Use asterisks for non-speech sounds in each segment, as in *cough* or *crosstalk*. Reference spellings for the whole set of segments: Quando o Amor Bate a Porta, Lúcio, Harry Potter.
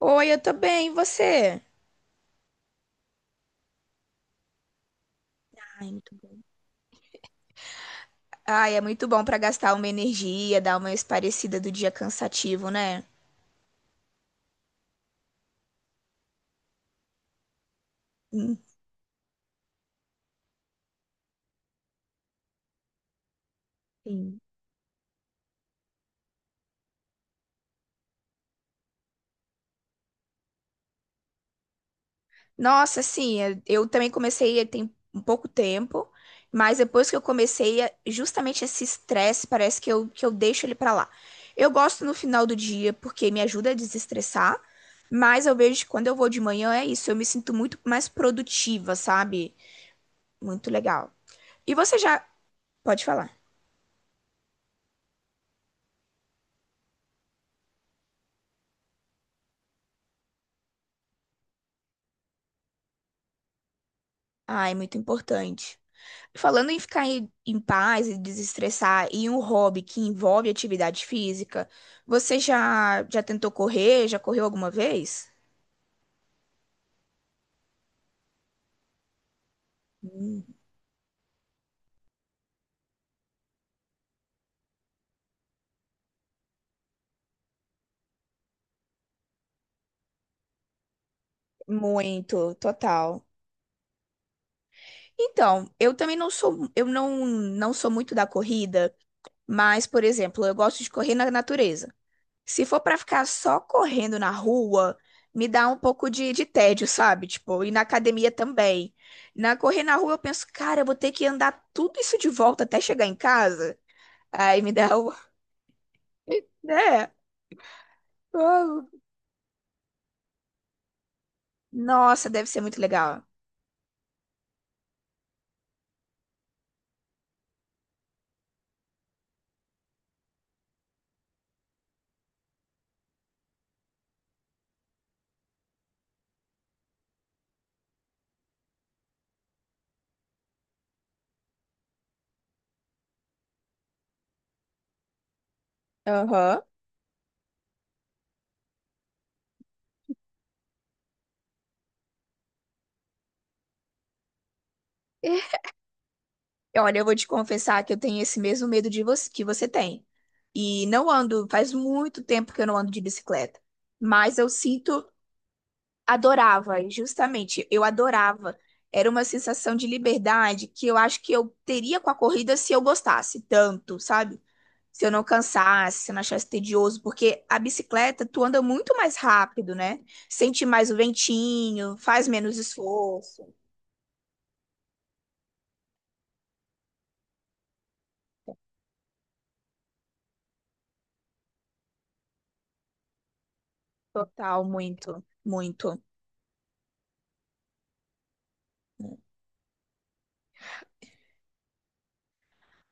Oi, eu tô bem, e você? Ai, muito bom. Ai, é muito bom pra gastar uma energia, dar uma esparecida do dia cansativo, né? Hum. Sim. Nossa, sim. Eu também comecei tem um pouco tempo, mas depois que eu comecei, justamente esse estresse, parece que eu deixo ele pra lá. Eu gosto no final do dia porque me ajuda a desestressar, mas eu vejo que quando eu vou de manhã é isso, eu me sinto muito mais produtiva, sabe? Muito legal. E você já pode falar. Ai, muito importante. Falando em ficar em paz e desestressar e um hobby que envolve atividade física, você já tentou correr? Já correu alguma vez? Hum. Muito, total. Então, eu também não sou, eu não sou muito da corrida, mas, por exemplo, eu gosto de correr na natureza. Se for pra ficar só correndo na rua, me dá um pouco de tédio, sabe? Tipo, e na academia também. Na correr na rua, eu penso, cara, eu vou ter que andar tudo isso de volta até chegar em casa. Aí me dá o. *laughs* Né? Uau. Nossa, deve ser muito legal. Aham. E olha, eu vou te confessar que eu tenho esse mesmo medo de você, que você tem. E não ando, faz muito tempo que eu não ando de bicicleta. Mas eu sinto, adorava, e justamente, eu adorava. Era uma sensação de liberdade que eu acho que eu teria com a corrida se eu gostasse tanto, sabe? Se eu não cansasse, se eu não achasse tedioso, porque a bicicleta tu anda muito mais rápido, né? Sente mais o ventinho, faz menos esforço. Total, muito, muito.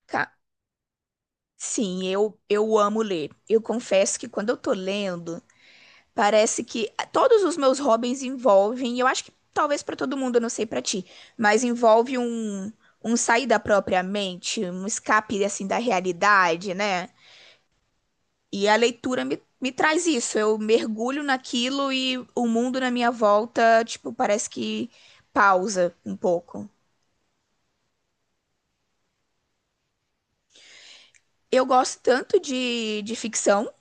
Ca- Sim, eu amo ler. Eu confesso que quando eu tô lendo, parece que todos os meus hobbies envolvem, e eu acho que talvez pra todo mundo, eu não sei pra ti, mas envolve um sair da própria mente, um escape assim da realidade, né? E a leitura me traz isso. Eu mergulho naquilo e o mundo na minha volta, tipo, parece que pausa um pouco. Eu gosto tanto de ficção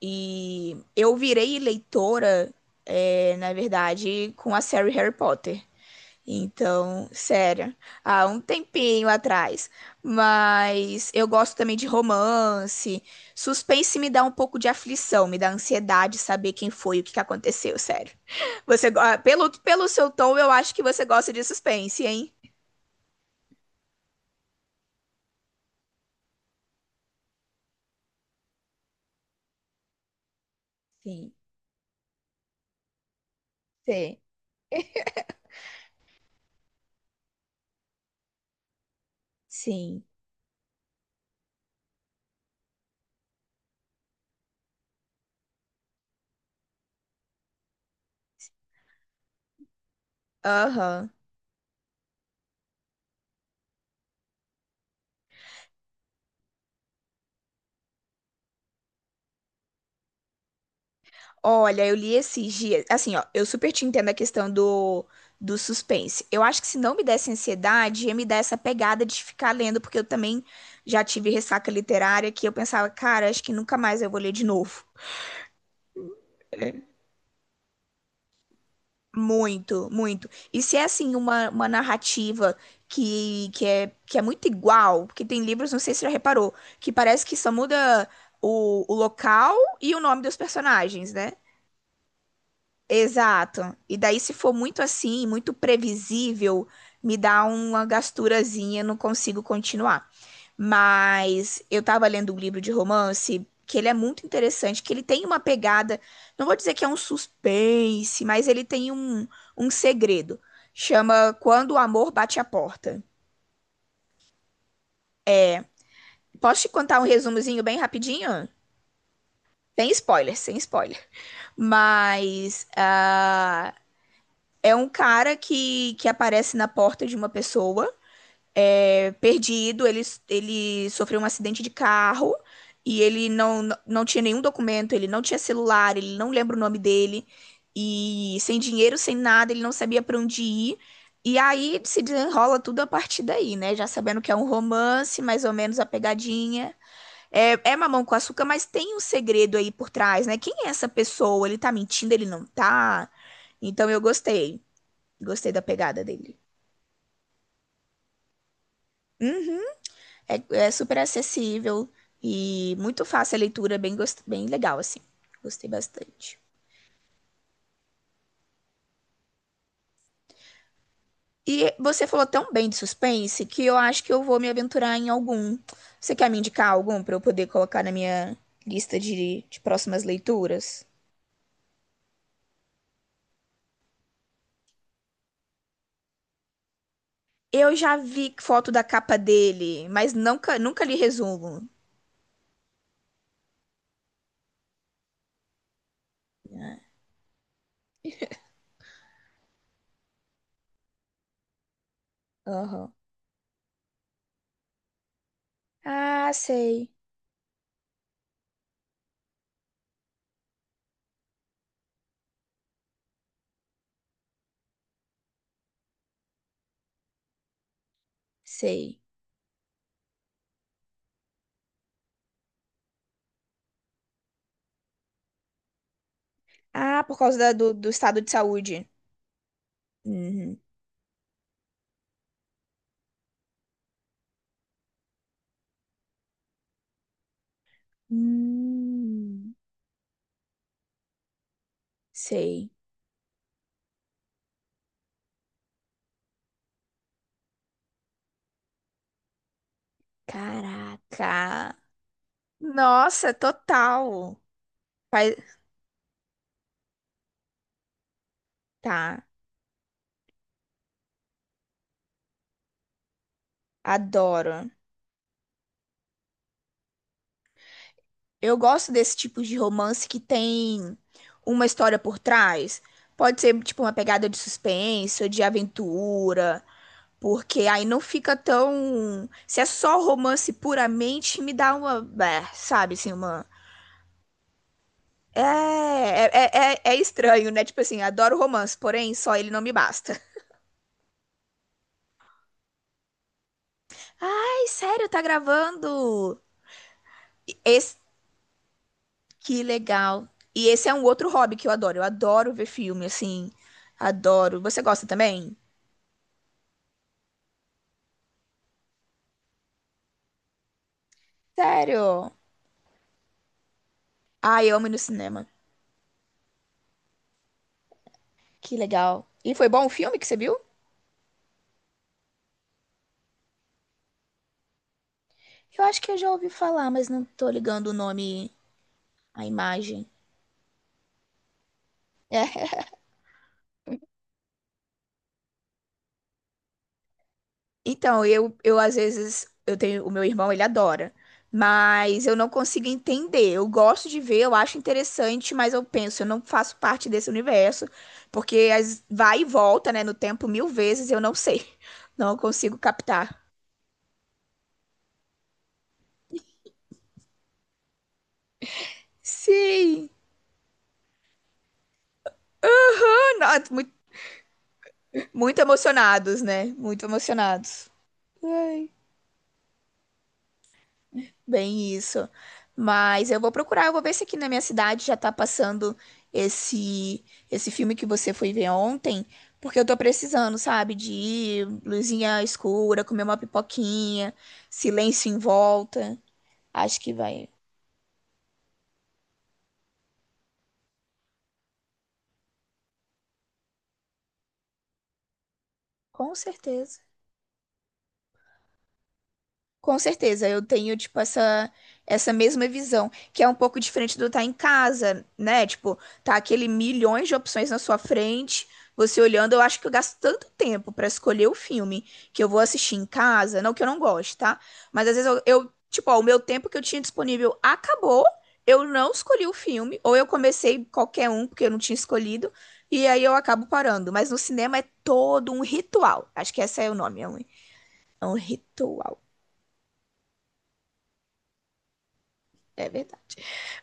e eu virei leitora, na verdade, com a série Harry Potter. Então, sério, há um tempinho atrás. Mas eu gosto também de romance. Suspense me dá um pouco de aflição, me dá ansiedade saber quem foi, o que que aconteceu, sério. *laughs* Você, pelo seu tom, eu acho que você gosta de suspense, hein? Sim, sim. Sim. Aham. Olha, eu li esses dias. Assim, ó, eu super te entendo a questão do, do suspense. Eu acho que se não me desse ansiedade, ia me dar essa pegada de ficar lendo, porque eu também já tive ressaca literária que eu pensava, cara, acho que nunca mais eu vou ler de novo. Muito, muito. E se é assim, uma narrativa que é muito igual, porque tem livros, não sei se você já reparou, que parece que só muda o local e o nome dos personagens, né? Exato. E daí, se for muito assim, muito previsível, me dá uma gasturazinha, não consigo continuar. Mas eu tava lendo um livro de romance que ele é muito interessante, que ele tem uma pegada, não vou dizer que é um suspense, mas ele tem um, um segredo. Chama Quando o Amor Bate a Porta. Posso te contar um resumozinho bem rapidinho? Sem spoiler, sem spoiler. Mas ah, é um cara que aparece na porta de uma pessoa, é, perdido. Ele sofreu um acidente de carro e ele não, não tinha nenhum documento, ele não tinha celular, ele não lembra o nome dele. E sem dinheiro, sem nada, ele não sabia pra onde ir. E aí se desenrola tudo a partir daí, né? Já sabendo que é um romance, mais ou menos a pegadinha. É, é mamão com açúcar, mas tem um segredo aí por trás, né? Quem é essa pessoa? Ele tá mentindo, ele não tá? Então eu gostei. Gostei da pegada dele. Uhum. É, é super acessível e muito fácil a leitura, bem, bem legal, assim. Gostei bastante. E você falou tão bem de suspense que eu acho que eu vou me aventurar em algum. Você quer me indicar algum para eu poder colocar na minha lista de próximas leituras? Eu já vi foto da capa dele, mas nunca, nunca li resumo. Ah, aham. Ah, sei, sei. Ah, por causa da- do estado de saúde. Uhum. Hum, sei. Caraca. Nossa, total. Faz- Tá, adoro. Eu gosto desse tipo de romance que tem uma história por trás. Pode ser tipo uma pegada de suspense ou de aventura, porque aí não fica tão. Se é só romance puramente, me dá uma, é, sabe, assim, uma. É estranho, né? Tipo assim, adoro romance, porém só ele não me basta. Ai, sério, tá gravando? Esse, que legal. E esse é um outro hobby que eu adoro. Eu adoro ver filme, assim. Adoro. Você gosta também? Sério? Ai, eu amo ir no cinema. Que legal. E foi bom o filme que você viu? Eu acho que eu já ouvi falar, mas não tô ligando o nome à imagem. *laughs* Então, eu às vezes, eu tenho, o meu irmão, ele adora, mas eu não consigo entender. Eu gosto de ver, eu acho interessante, mas eu penso, eu não faço parte desse universo, porque as, vai e volta, né, no tempo mil vezes, eu não sei. *laughs* Não consigo captar. Sim! Não, muito, muito emocionados, né? Muito emocionados. Ai. Bem isso. Mas eu vou procurar, eu vou ver se aqui na minha cidade já tá passando esse esse filme que você foi ver ontem, porque eu tô precisando, sabe, de ir, luzinha escura, comer uma pipoquinha, silêncio em volta. Acho que vai. Com certeza. Com certeza, eu tenho, tipo, essa mesma visão, que é um pouco diferente do estar em casa, né? Tipo, tá aquele milhões de opções na sua frente, você olhando, eu acho que eu gasto tanto tempo pra escolher o filme que eu vou assistir em casa, não que eu não goste, tá? Mas às vezes tipo, ó, o meu tempo que eu tinha disponível acabou, eu não escolhi o filme, ou eu comecei qualquer um porque eu não tinha escolhido, e aí eu acabo parando. Mas no cinema é todo um ritual, acho que esse é o nome, é um ritual. É verdade.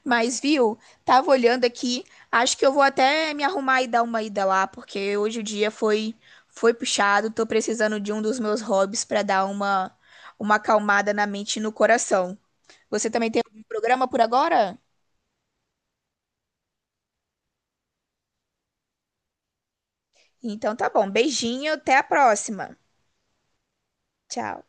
Mas, viu? Tava olhando aqui. Acho que eu vou até me arrumar e dar uma ida lá, porque hoje o dia foi foi puxado. Tô precisando de um dos meus hobbies pra dar uma acalmada na mente e no coração. Você também tem algum programa por agora? Então tá bom. Beijinho, até a próxima. Tchau.